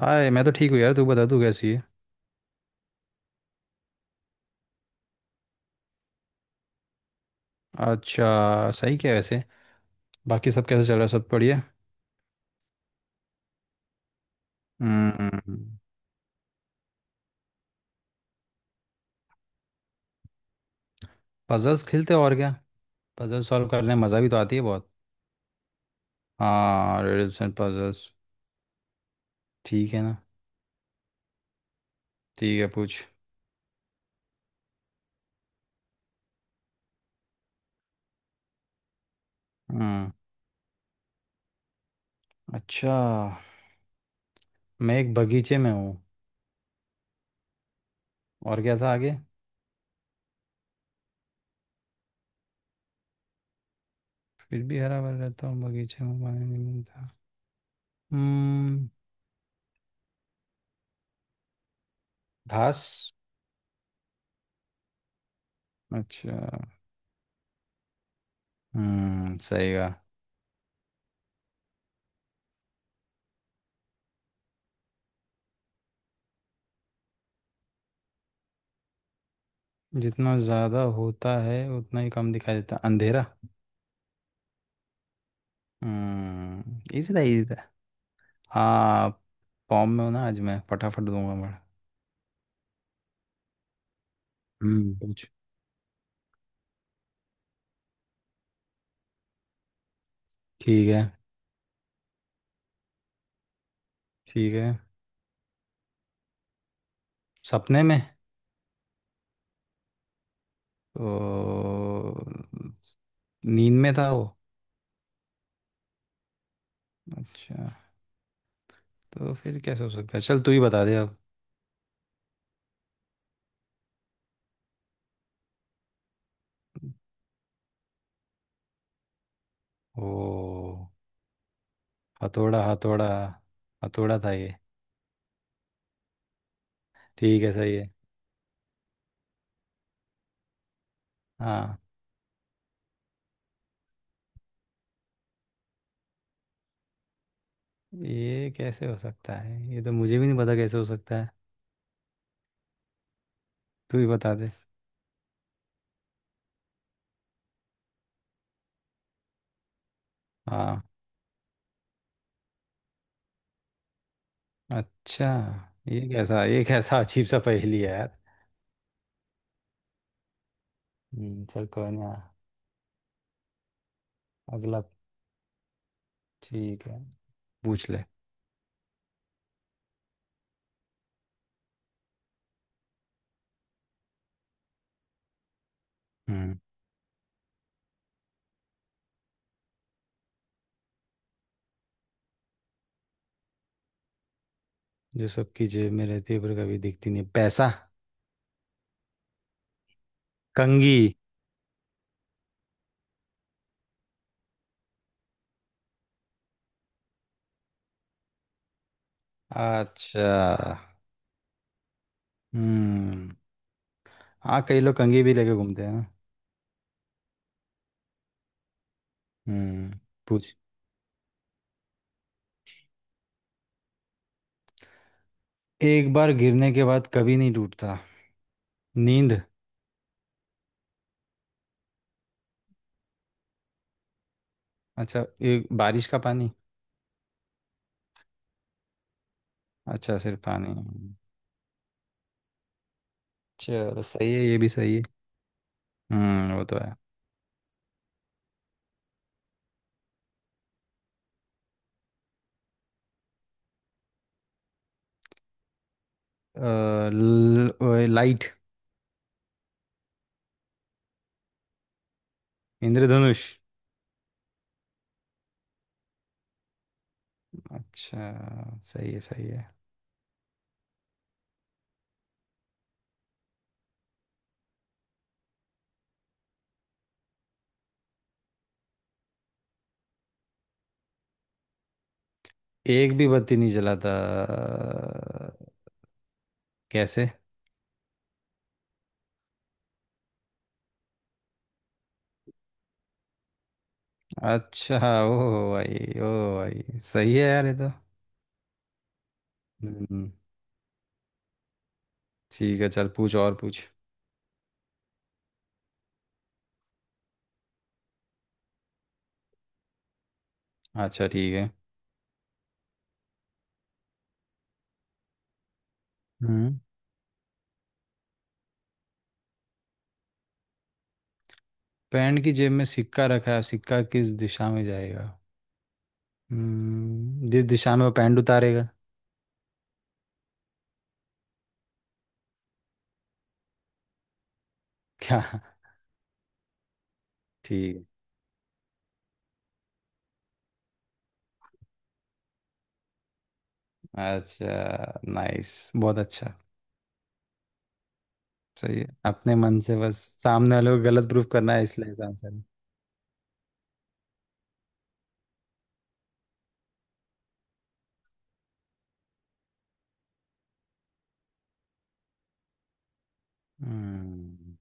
हाय, मैं तो ठीक हूँ यार। तू बता तू कैसी है। अच्छा सही। क्या है वैसे, बाकी सब कैसे चल रहा है, सब बढ़िया। हम्म। पजल्स खेलते हैं और क्या। पजल सॉल्व करने में मज़ा भी तो आती है बहुत। हाँ रिडल्स एंड पजल्स। ठीक है ना। ठीक है पूछ। हम्म। अच्छा। मैं एक बगीचे में हूँ। और क्या था आगे। फिर भी हरा भरा रहता हूँ, बगीचे में पानी नहीं मिलता। हम्म। घास। अच्छा। सही कहा। जितना ज़्यादा होता है उतना ही कम दिखाई देता, अंधेरा। इजी था इजी था। हाँ। फॉर्म में हो ना आज, मैं फटाफट दूंगा मैं। पूछ। ठीक है ठीक है। सपने में। तो नींद में था वो। अच्छा। तो फिर कैसे हो सकता है, चल तू ही बता दे अब। ओ। हथौड़ा हथौड़ा हथौड़ा था ये। ठीक है सही है। हाँ। ये कैसे हो सकता है, ये तो मुझे भी नहीं पता कैसे हो सकता है। तू ही बता दे। हाँ अच्छा। ये कैसा अजीब सा पहेली है यार। चल कोई ना। अगला। ठीक है। पूछ ले। हम्म। जो सबकी जेब में रहती है पर कभी दिखती नहीं, पैसा। कंघी। अच्छा। हम्म। हाँ कई लोग कंघी भी लेके घूमते हैं ना। हम्म। पूछ। एक बार गिरने के बाद कभी नहीं टूटता। नींद। अच्छा। एक बारिश का पानी। अच्छा सिर्फ पानी। चलो सही है, ये भी सही है। वो तो है। अ, लाइट। इंद्रधनुष। अच्छा सही है सही है। एक भी बत्ती नहीं जलाता। कैसे। अच्छा। ओ भाई ओ भाई। सही है यार ये तो। हम्म। ठीक है चल पूछ और पूछ। अच्छा ठीक है। हम्म। पैंट की जेब में सिक्का रखा है, सिक्का किस दिशा में जाएगा। जिस दिशा में वो पैंट उतारेगा। क्या। ठीक। है अच्छा नाइस बहुत अच्छा। सही है, अपने मन से बस सामने वाले को गलत प्रूफ करना है इसलिए आंसर। हम्म।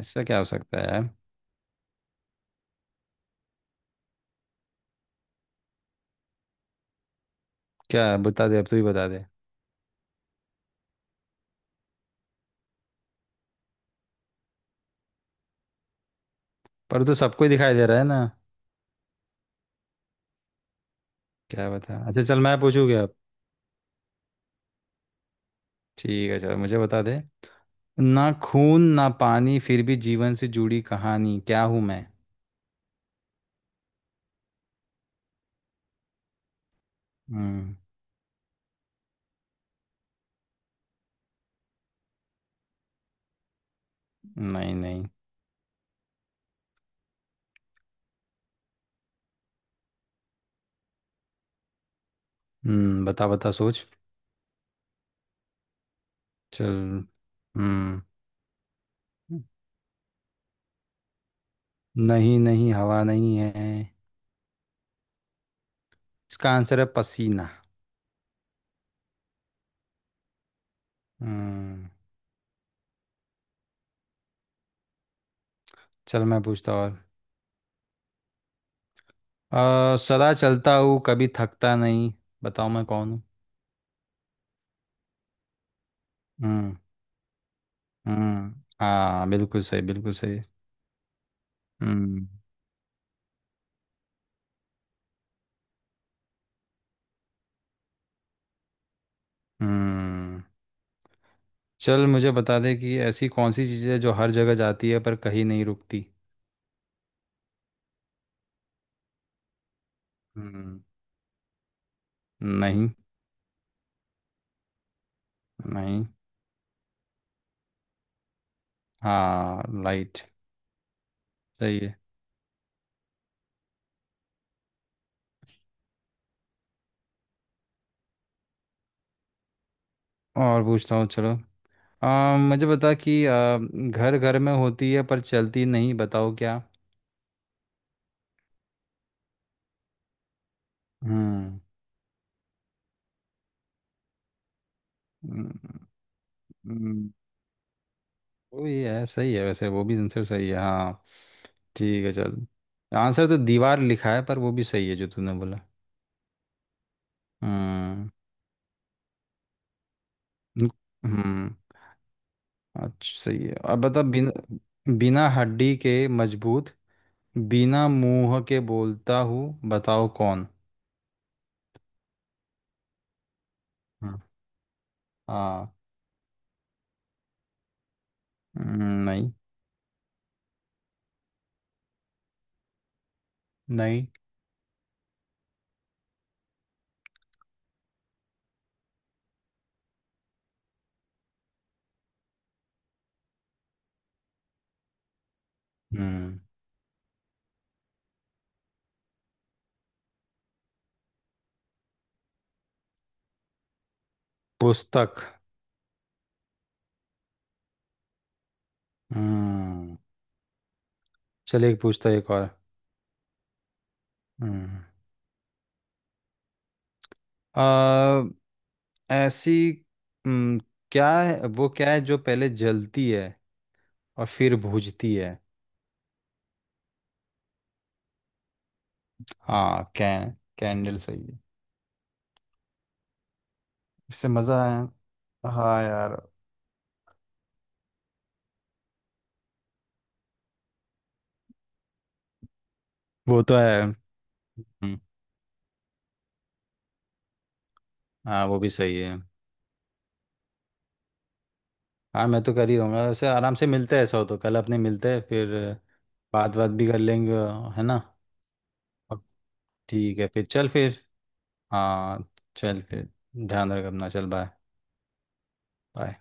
ऐसा क्या हो सकता है यार। क्या बता दे अब, तू ही बता दे। पर तो सबको ही दिखाई दे रहा है ना। क्या बता, अच्छा चल मैं पूछूंगी अब। ठीक है चल मुझे बता दे। ना खून ना पानी, फिर भी जीवन से जुड़ी कहानी, क्या हूं मैं। हम्म। नहीं नहीं। बता बता सोच। चल। हम्म। नहीं नहीं, हवा नहीं है। इसका आंसर है पसीना। हम्म। चल मैं पूछता और। सदा चलता हूँ कभी थकता नहीं, बताओ मैं कौन हूँ। हम्म। हम्म। हाँ बिल्कुल सही बिल्कुल सही। हम्म। हम्म। चल मुझे बता दे कि ऐसी कौन सी चीज़ है जो हर जगह जाती है पर कहीं नहीं रुकती। हम्म। नहीं नहीं। हाँ लाइट। सही है। और पूछता हूँ चलो। मुझे बता कि घर घर में होती है पर चलती नहीं, बताओ क्या। हम्म। हम्म, हम्म। वो ये है, सही है वैसे, वो भी आंसर सही है हाँ। ठीक है चल। आंसर तो दीवार लिखा है पर वो भी सही है जो तूने बोला। हम्म। हम्म अच्छा सही है। अब बता बिना हड्डी के मजबूत, बिना मुंह के बोलता हूँ, बताओ कौन। हम्म, हाँ। हम्म, नहीं नहीं। हम्म। पुस्तक। हम्म। चल एक पूछता एक और। हम्म। ऐसी। हम्म, क्या है वो, क्या है जो पहले जलती है और फिर बुझती है। हाँ कैन कैंडल सही है। इससे मज़ा है। हाँ यार। वो तो है। हम्म, हाँ वो भी सही है। हाँ मैं तो कर ही रहूँगा वैसे, आराम से मिलते हैं, ऐसा हो तो कल अपने मिलते हैं फिर। बात बात भी कर लेंगे, है ना। अब ठीक है फिर चल फिर। हाँ। चल फिर। ध्यान रख अपना, चल बाय। बाय।